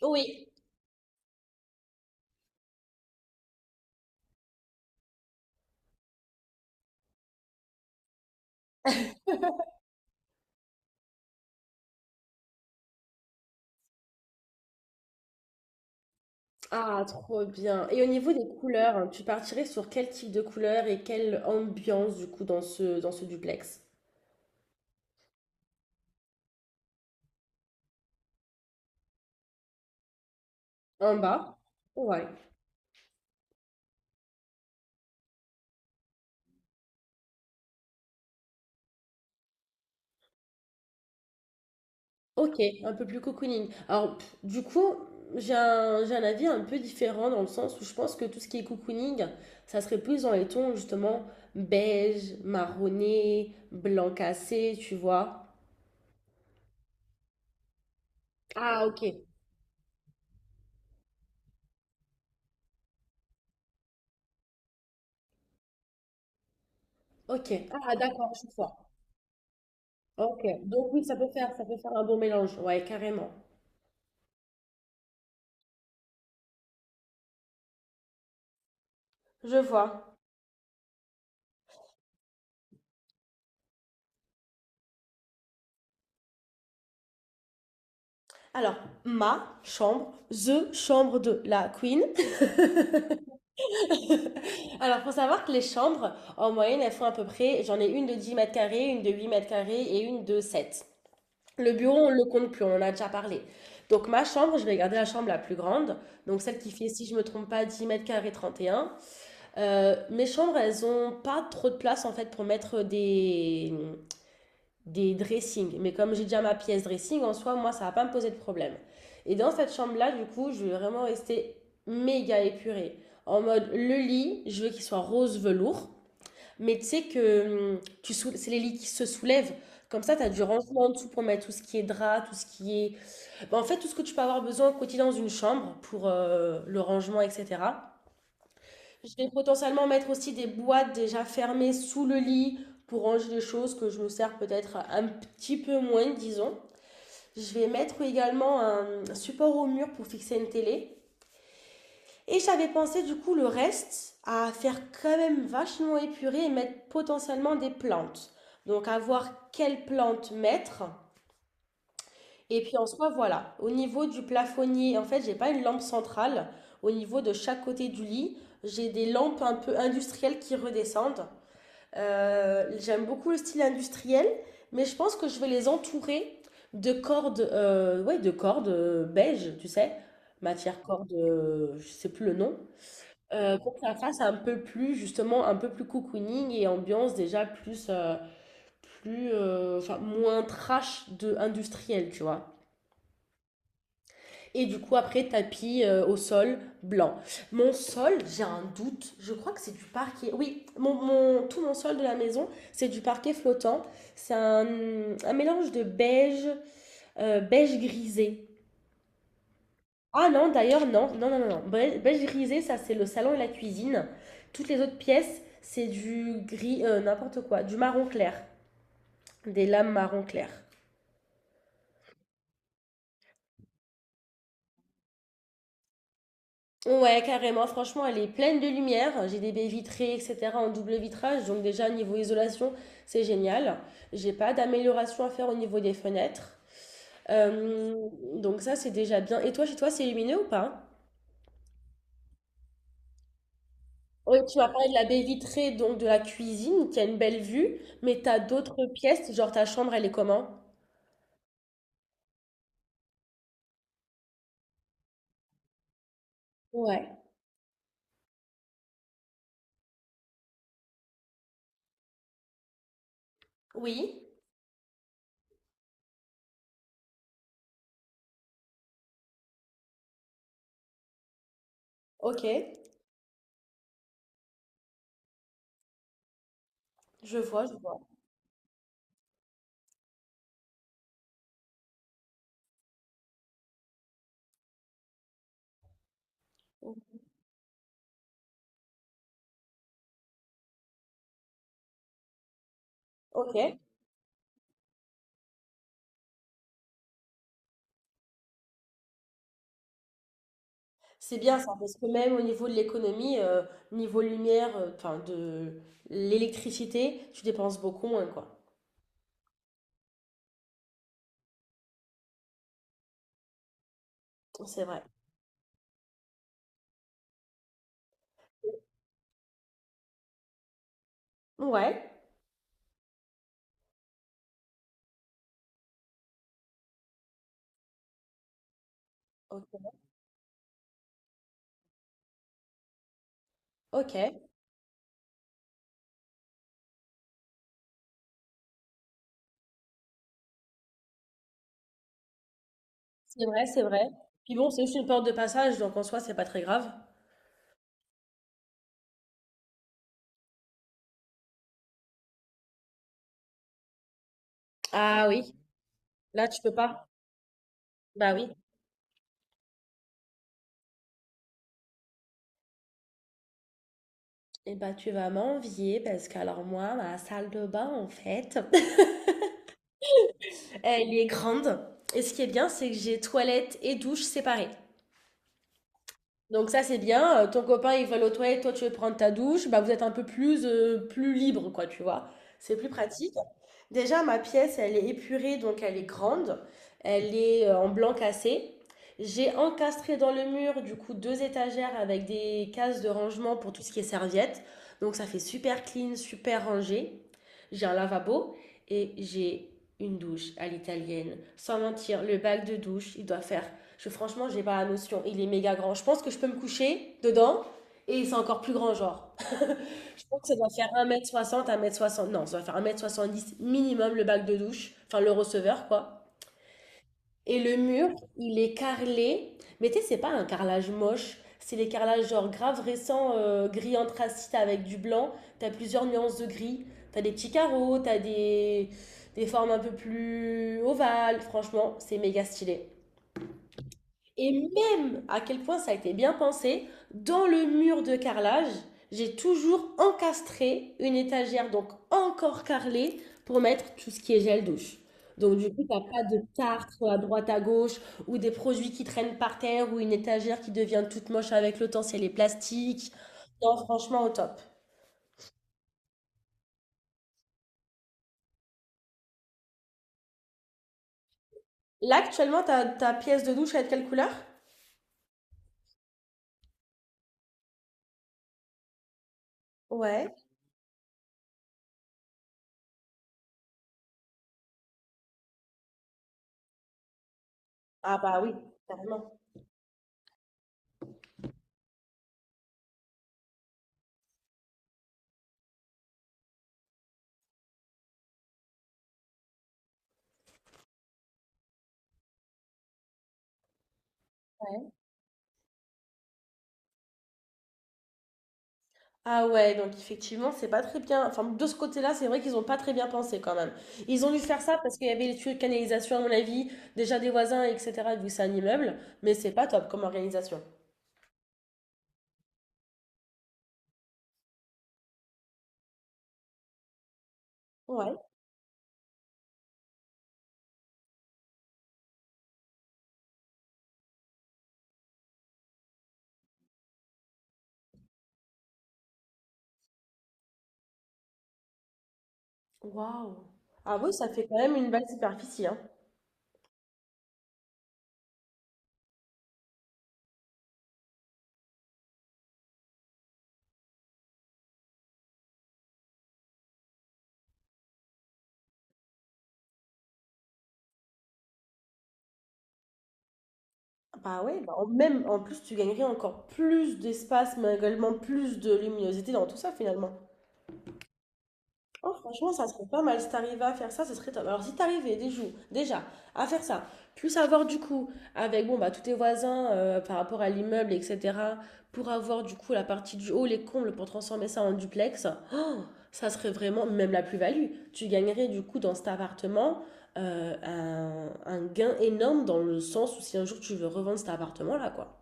Oui. Ah, trop bien. Et au niveau des couleurs, hein, tu partirais sur quel type de couleur et quelle ambiance du coup dans ce duplex? En bas? Ouais. Ok, un peu plus cocooning. Alors, du coup, j'ai un avis un peu différent dans le sens où je pense que tout ce qui est cocooning, ça serait plus dans les tons justement beige, marronné, blanc cassé, tu vois. Ah, ok. Ok. Ah, d'accord, je vois. Ok. Donc oui, ça peut faire un bon mélange. Ouais, carrément. Je vois. Alors, ma chambre, the chambre de la queen. Alors, faut savoir que les chambres, en moyenne, elles font à peu près, j'en ai une de 10 m², une de 8 m² et une de 7. Le bureau, on le compte plus, on en a déjà parlé. Donc, ma chambre, je vais garder la chambre la plus grande, donc celle qui fait, si je me trompe pas, 10 m² 31. Mes chambres, elles ont pas trop de place, en fait, pour mettre des dressings. Mais comme j'ai déjà ma pièce dressing, en soi, moi, ça va pas me poser de problème. Et dans cette chambre-là, du coup, je vais vraiment rester méga épurée. En mode, le lit, je veux qu'il soit rose velours. Mais tu sais que c'est les lits qui se soulèvent. Comme ça, tu as du rangement en dessous pour mettre tout ce qui est drap, tout ce qui est... Ben, en fait, tout ce que tu peux avoir besoin au quotidien dans une chambre pour le rangement, etc. Je vais potentiellement mettre aussi des boîtes déjà fermées sous le lit pour ranger les choses que je me sers peut-être un petit peu moins, disons. Je vais mettre également un support au mur pour fixer une télé. Et j'avais pensé du coup le reste à faire quand même vachement épuré et mettre potentiellement des plantes. Donc à voir quelles plantes mettre. Et puis en soi, voilà. Au niveau du plafonnier, en fait, j'ai pas une lampe centrale. Au niveau de chaque côté du lit, j'ai des lampes un peu industrielles qui redescendent. J'aime beaucoup le style industriel, mais je pense que je vais les entourer de cordes, ouais, de cordes beige, tu sais, matière corde, je sais plus le nom, pour que ça fasse un peu plus, justement, un peu plus cocooning et ambiance déjà plus, plus, enfin, moins trash de industriel, tu vois. Et du coup, après, tapis au sol blanc. Mon sol, j'ai un doute. Je crois que c'est du parquet. Oui, tout mon sol de la maison, c'est du parquet flottant. C'est un mélange de beige, beige grisé. Ah non, d'ailleurs, non. Non, non, non, non. Beige, beige grisé, ça, c'est le salon et la cuisine. Toutes les autres pièces, c'est du gris, n'importe quoi, du marron clair. Des lames marron clair. Ouais, carrément. Franchement, elle est pleine de lumière. J'ai des baies vitrées, etc. en double vitrage. Donc déjà, niveau isolation, c'est génial. J'ai pas d'amélioration à faire au niveau des fenêtres. Euh, donc ça, c'est déjà bien. Et toi, chez toi, c'est illuminé ou pas? Oui, tu m'as parlé de la baie vitrée, donc de la cuisine, qui a une belle vue. Mais t'as d'autres pièces, genre ta chambre, elle est comment? Ouais. Oui. Ok. Je vois, je vois. Ok. C'est bien ça, parce que même au niveau de l'économie, niveau lumière, enfin de l'électricité, tu dépenses beaucoup moins, quoi. C'est vrai. Ouais, ok. Ok, c'est vrai, c'est vrai. Puis bon, c'est juste une porte de passage, donc en soi, c'est pas très grave. Ah oui, là, tu peux pas. Bah oui. Eh bah, tu vas m'envier, parce que alors moi, ma salle de bain, en fait, elle est grande. Et ce qui est bien, c'est que j'ai toilette et douche séparées. Donc ça c'est bien. Ton copain il va aller aux toilettes, toi tu veux prendre ta douche, bah vous êtes un peu plus plus libre quoi, tu vois. C'est plus pratique. Déjà ma pièce, elle est épurée donc elle est grande, elle est en blanc cassé. J'ai encastré dans le mur du coup deux étagères avec des cases de rangement pour tout ce qui est serviettes. Donc ça fait super clean, super rangé. J'ai un lavabo et j'ai une douche à l'italienne. Sans mentir, le bac de douche, il doit faire franchement, j'ai pas la notion. Il est méga grand. Je pense que je peux me coucher dedans et c'est encore plus grand, genre. Je pense que ça doit faire 1,60 m, 1,60 m. Non, ça doit faire 1,70 m minimum le bac de douche, enfin le receveur, quoi. Et le mur, il est carrelé. Mais tu sais, c'est pas un carrelage moche. C'est les carrelages genre grave récents, gris anthracite avec du blanc. T'as plusieurs nuances de gris. T'as des petits carreaux, t'as des formes un peu plus ovales. Franchement, c'est méga stylé. Et même à quel point ça a été bien pensé, dans le mur de carrelage, j'ai toujours encastré une étagère, donc encore carrelée, pour mettre tout ce qui est gel douche. Donc du coup, t'as pas de tartre à droite à gauche, ou des produits qui traînent par terre, ou une étagère qui devient toute moche avec le temps, c'est les plastiques. Non, franchement, au top. Là, actuellement, ta pièce de douche, elle est de quelle couleur? Ouais. Ah bah oui, carrément. Ah ouais, donc effectivement, c'est pas très bien. Enfin, de ce côté-là, c'est vrai qu'ils ont pas très bien pensé quand même. Ils ont dû faire ça parce qu'il y avait les tuyaux de canalisation, à mon avis, déjà des voisins, etc., vu que c'est un immeuble, mais c'est pas top comme organisation. Ouais. Waouh. Ah oui, ça fait quand même une belle superficie, hein. Bah ouais, même en plus, tu gagnerais encore plus d'espace, mais également plus de luminosité dans tout ça finalement. Oh, franchement, ça serait pas mal. Si t'arrivais à faire ça, ce serait top. Alors, si t'arrivais des jours, déjà à faire ça, plus avoir du coup avec bon, bah, tous tes voisins par rapport à l'immeuble, etc., pour avoir du coup la partie du haut, les combles, pour transformer ça en duplex, oh, ça serait vraiment même la plus-value. Tu gagnerais du coup dans cet appartement un gain énorme dans le sens où si un jour tu veux revendre cet appartement-là, quoi.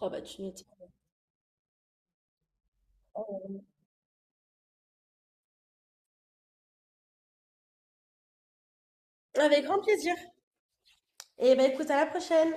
Oh, bah, tu m'étais. Avec grand plaisir. Et bah, écoute, à la prochaine!